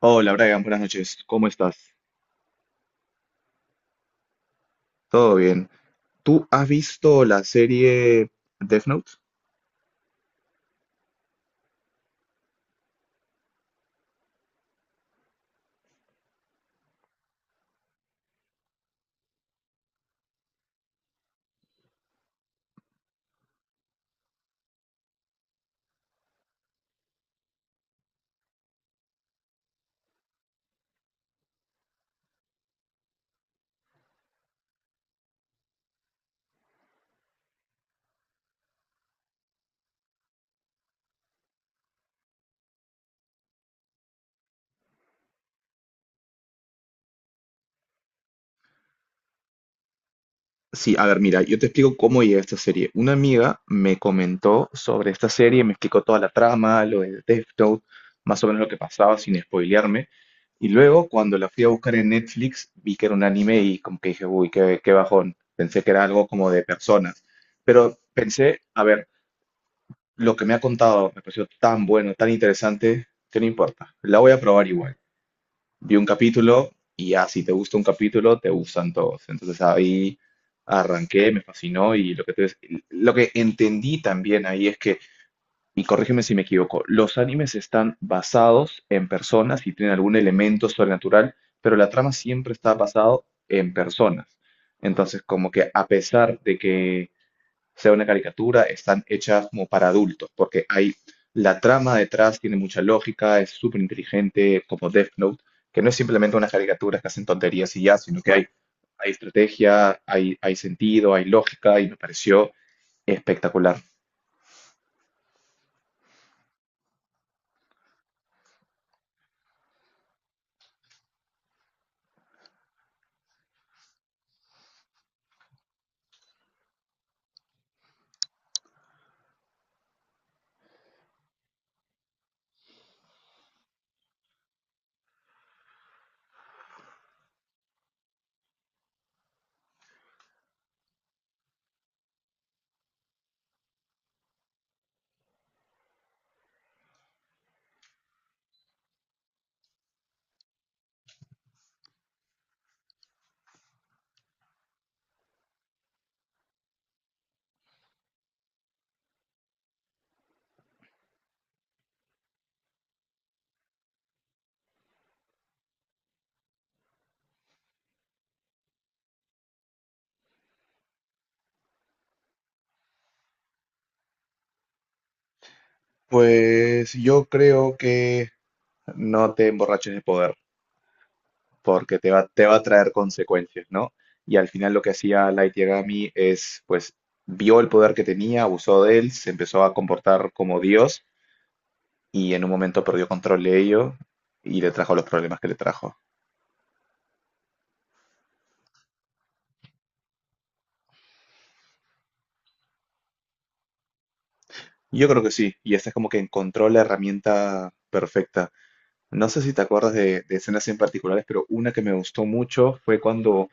Hola Brian, buenas noches. ¿Cómo estás? ¿Todo bien? ¿Tú has visto la serie Death Note? Sí, a ver, mira, yo te explico cómo llegué a esta serie. Una amiga me comentó sobre esta serie, me explicó toda la trama, lo de Death Note, más o menos lo que pasaba sin spoilearme. Y luego, cuando la fui a buscar en Netflix, vi que era un anime y como que dije, uy, qué, qué bajón. Pensé que era algo como de personas. Pero pensé, a ver, lo que me ha contado me pareció tan bueno, tan interesante, que no importa. La voy a probar igual. Vi un capítulo y ya, si te gusta un capítulo, te gustan todos. Entonces ahí arranqué, me fascinó y lo que entendí también ahí es que, y corrígeme si me equivoco, los animes están basados en personas y tienen algún elemento sobrenatural, pero la trama siempre está basado en personas. Entonces, como que a pesar de que sea una caricatura, están hechas como para adultos, porque hay la trama detrás, tiene mucha lógica, es súper inteligente, como Death Note, que no es simplemente unas caricaturas que hacen tonterías y ya, sino que hay estrategia, hay sentido, hay lógica, y me pareció espectacular. Pues yo creo que no te emborraches de poder, porque te va a traer consecuencias, ¿no? Y al final lo que hacía Light Yagami es, pues, vio el poder que tenía, abusó de él, se empezó a comportar como Dios y en un momento perdió control de ello y le trajo los problemas que le trajo. Yo creo que sí, y esta es como que encontró la herramienta perfecta. No sé si te acuerdas de escenas en particulares, pero una que me gustó mucho fue cuando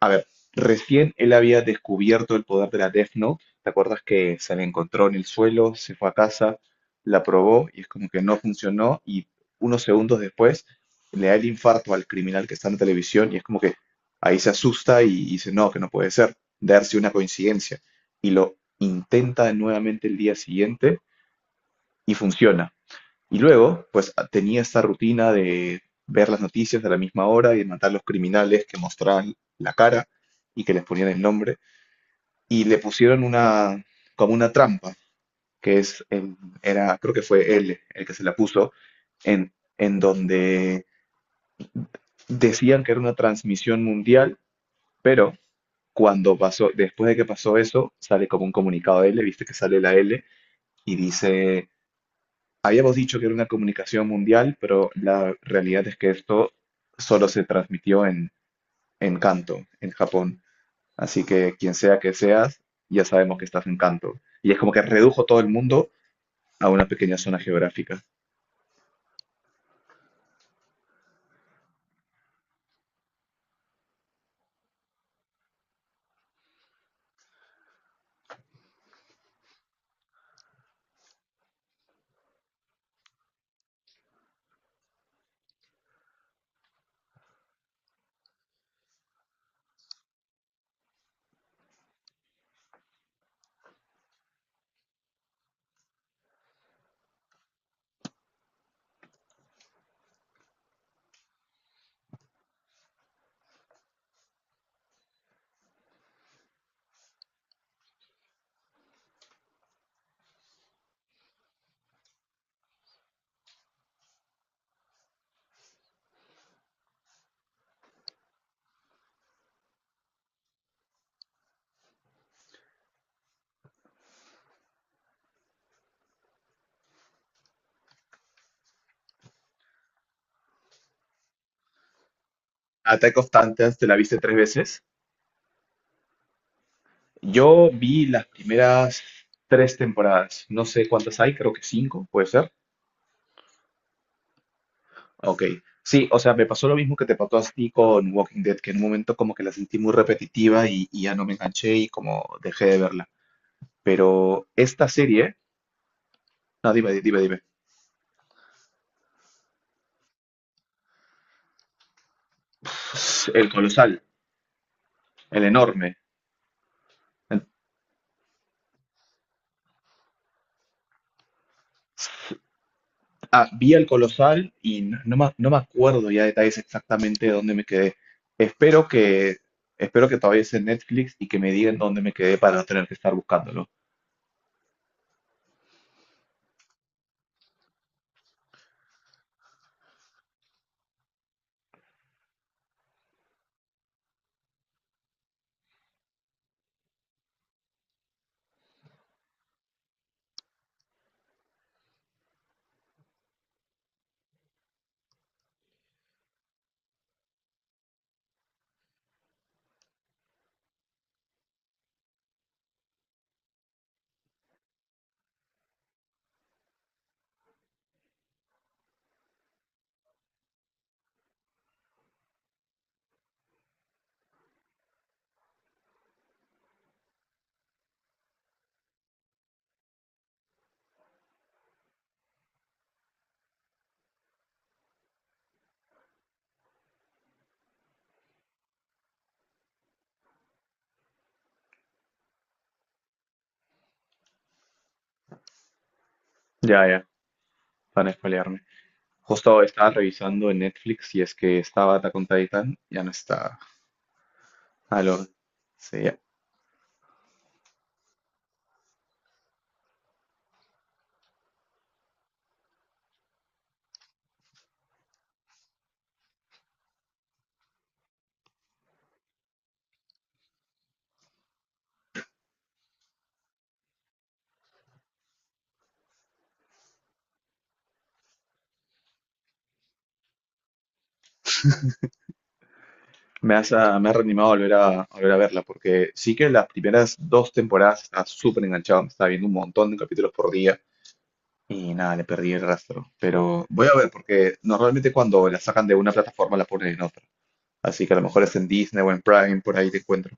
a ver, recién él había descubierto el poder de la Death Note. ¿Te acuerdas que se la encontró en el suelo, se fue a casa, la probó y es como que no funcionó y unos segundos después le da el infarto al criminal que está en la televisión y es como que ahí se asusta y dice, no, que no puede ser, darse una coincidencia? Y lo intenta nuevamente el día siguiente y funciona. Y luego, pues tenía esta rutina de ver las noticias a la misma hora y de matar a los criminales que mostraban la cara y que les ponían el nombre. Y le pusieron una, como una trampa, que es, el- era, creo que fue él el que se la puso, en, en donde decían que era una transmisión mundial, pero cuando pasó, después de que pasó eso, sale como un comunicado de L, viste que sale la L y dice hemos dicho que era una comunicación mundial, pero la realidad es que esto solo se transmitió en Kanto, en Japón. Así que quien sea que seas, ya sabemos que estás en Kanto. Y es como que redujo todo el mundo a una pequeña zona geográfica. Attack of Titans, ¿te la viste tres veces? Yo vi las primeras tres temporadas. No sé cuántas hay, creo que cinco, puede ser. Ok, sí, o sea, me pasó lo mismo que te pasó a ti con Walking Dead, que en un momento como que la sentí muy repetitiva y ya no me enganché y como dejé de verla. Pero esta serie, no, dime, dime, dime, el colosal, el enorme. El- ah, vi el colosal y no, no me acuerdo ya detalles exactamente de dónde me quedé. Espero que, espero que todavía esté en Netflix y que me digan dónde me quedé para no tener que estar buscándolo. Ya, ya, para no spoilearme. Justo estaba revisando en Netflix y es que estaba Attack on Titan, ya no está. Aló, sí, ya. Me has, ah, me has reanimado a volver a verla, porque sí que las primeras dos temporadas estaba súper enganchado, me estaba viendo un montón de capítulos por día y nada, le perdí el rastro. Pero voy a ver, porque normalmente cuando la sacan de una plataforma la ponen en otra. Así que a lo mejor es en Disney o en Prime, por ahí te encuentro.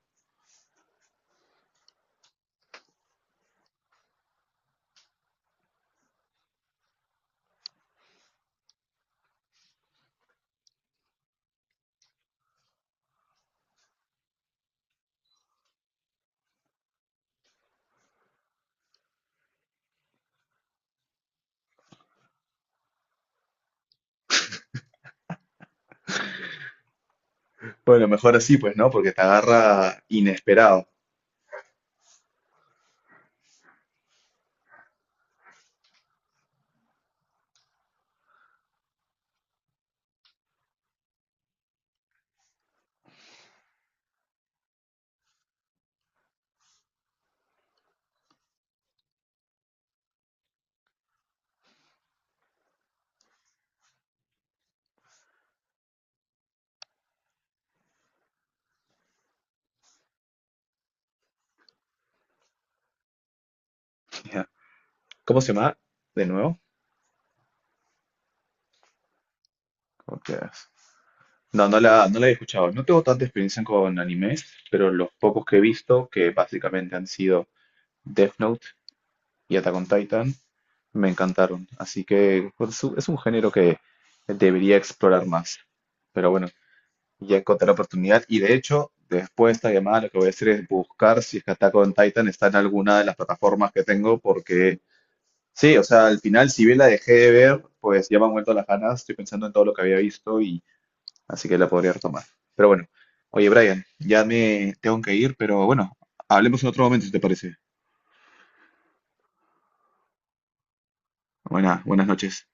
Bueno, mejor así, pues, ¿no? Porque te agarra inesperado. Ya. ¿Cómo se llama? De nuevo. Ok. No, no la he escuchado. No tengo tanta experiencia con animes, pero los pocos que he visto, que básicamente han sido Death Note y Attack on Titan, me encantaron. Así que es un género que debería explorar más. Pero bueno, ya encontré la oportunidad. Y de hecho, después de esta llamada, lo que voy a hacer es buscar si es que Attack on Titan está en alguna de las plataformas que tengo, porque sí, o sea, al final, si bien la dejé de ver, pues ya me han vuelto las ganas. Estoy pensando en todo lo que había visto, así que la podría retomar. Pero bueno, oye, Brian, ya me tengo que ir, pero bueno, hablemos en otro momento si te parece. Buenas noches.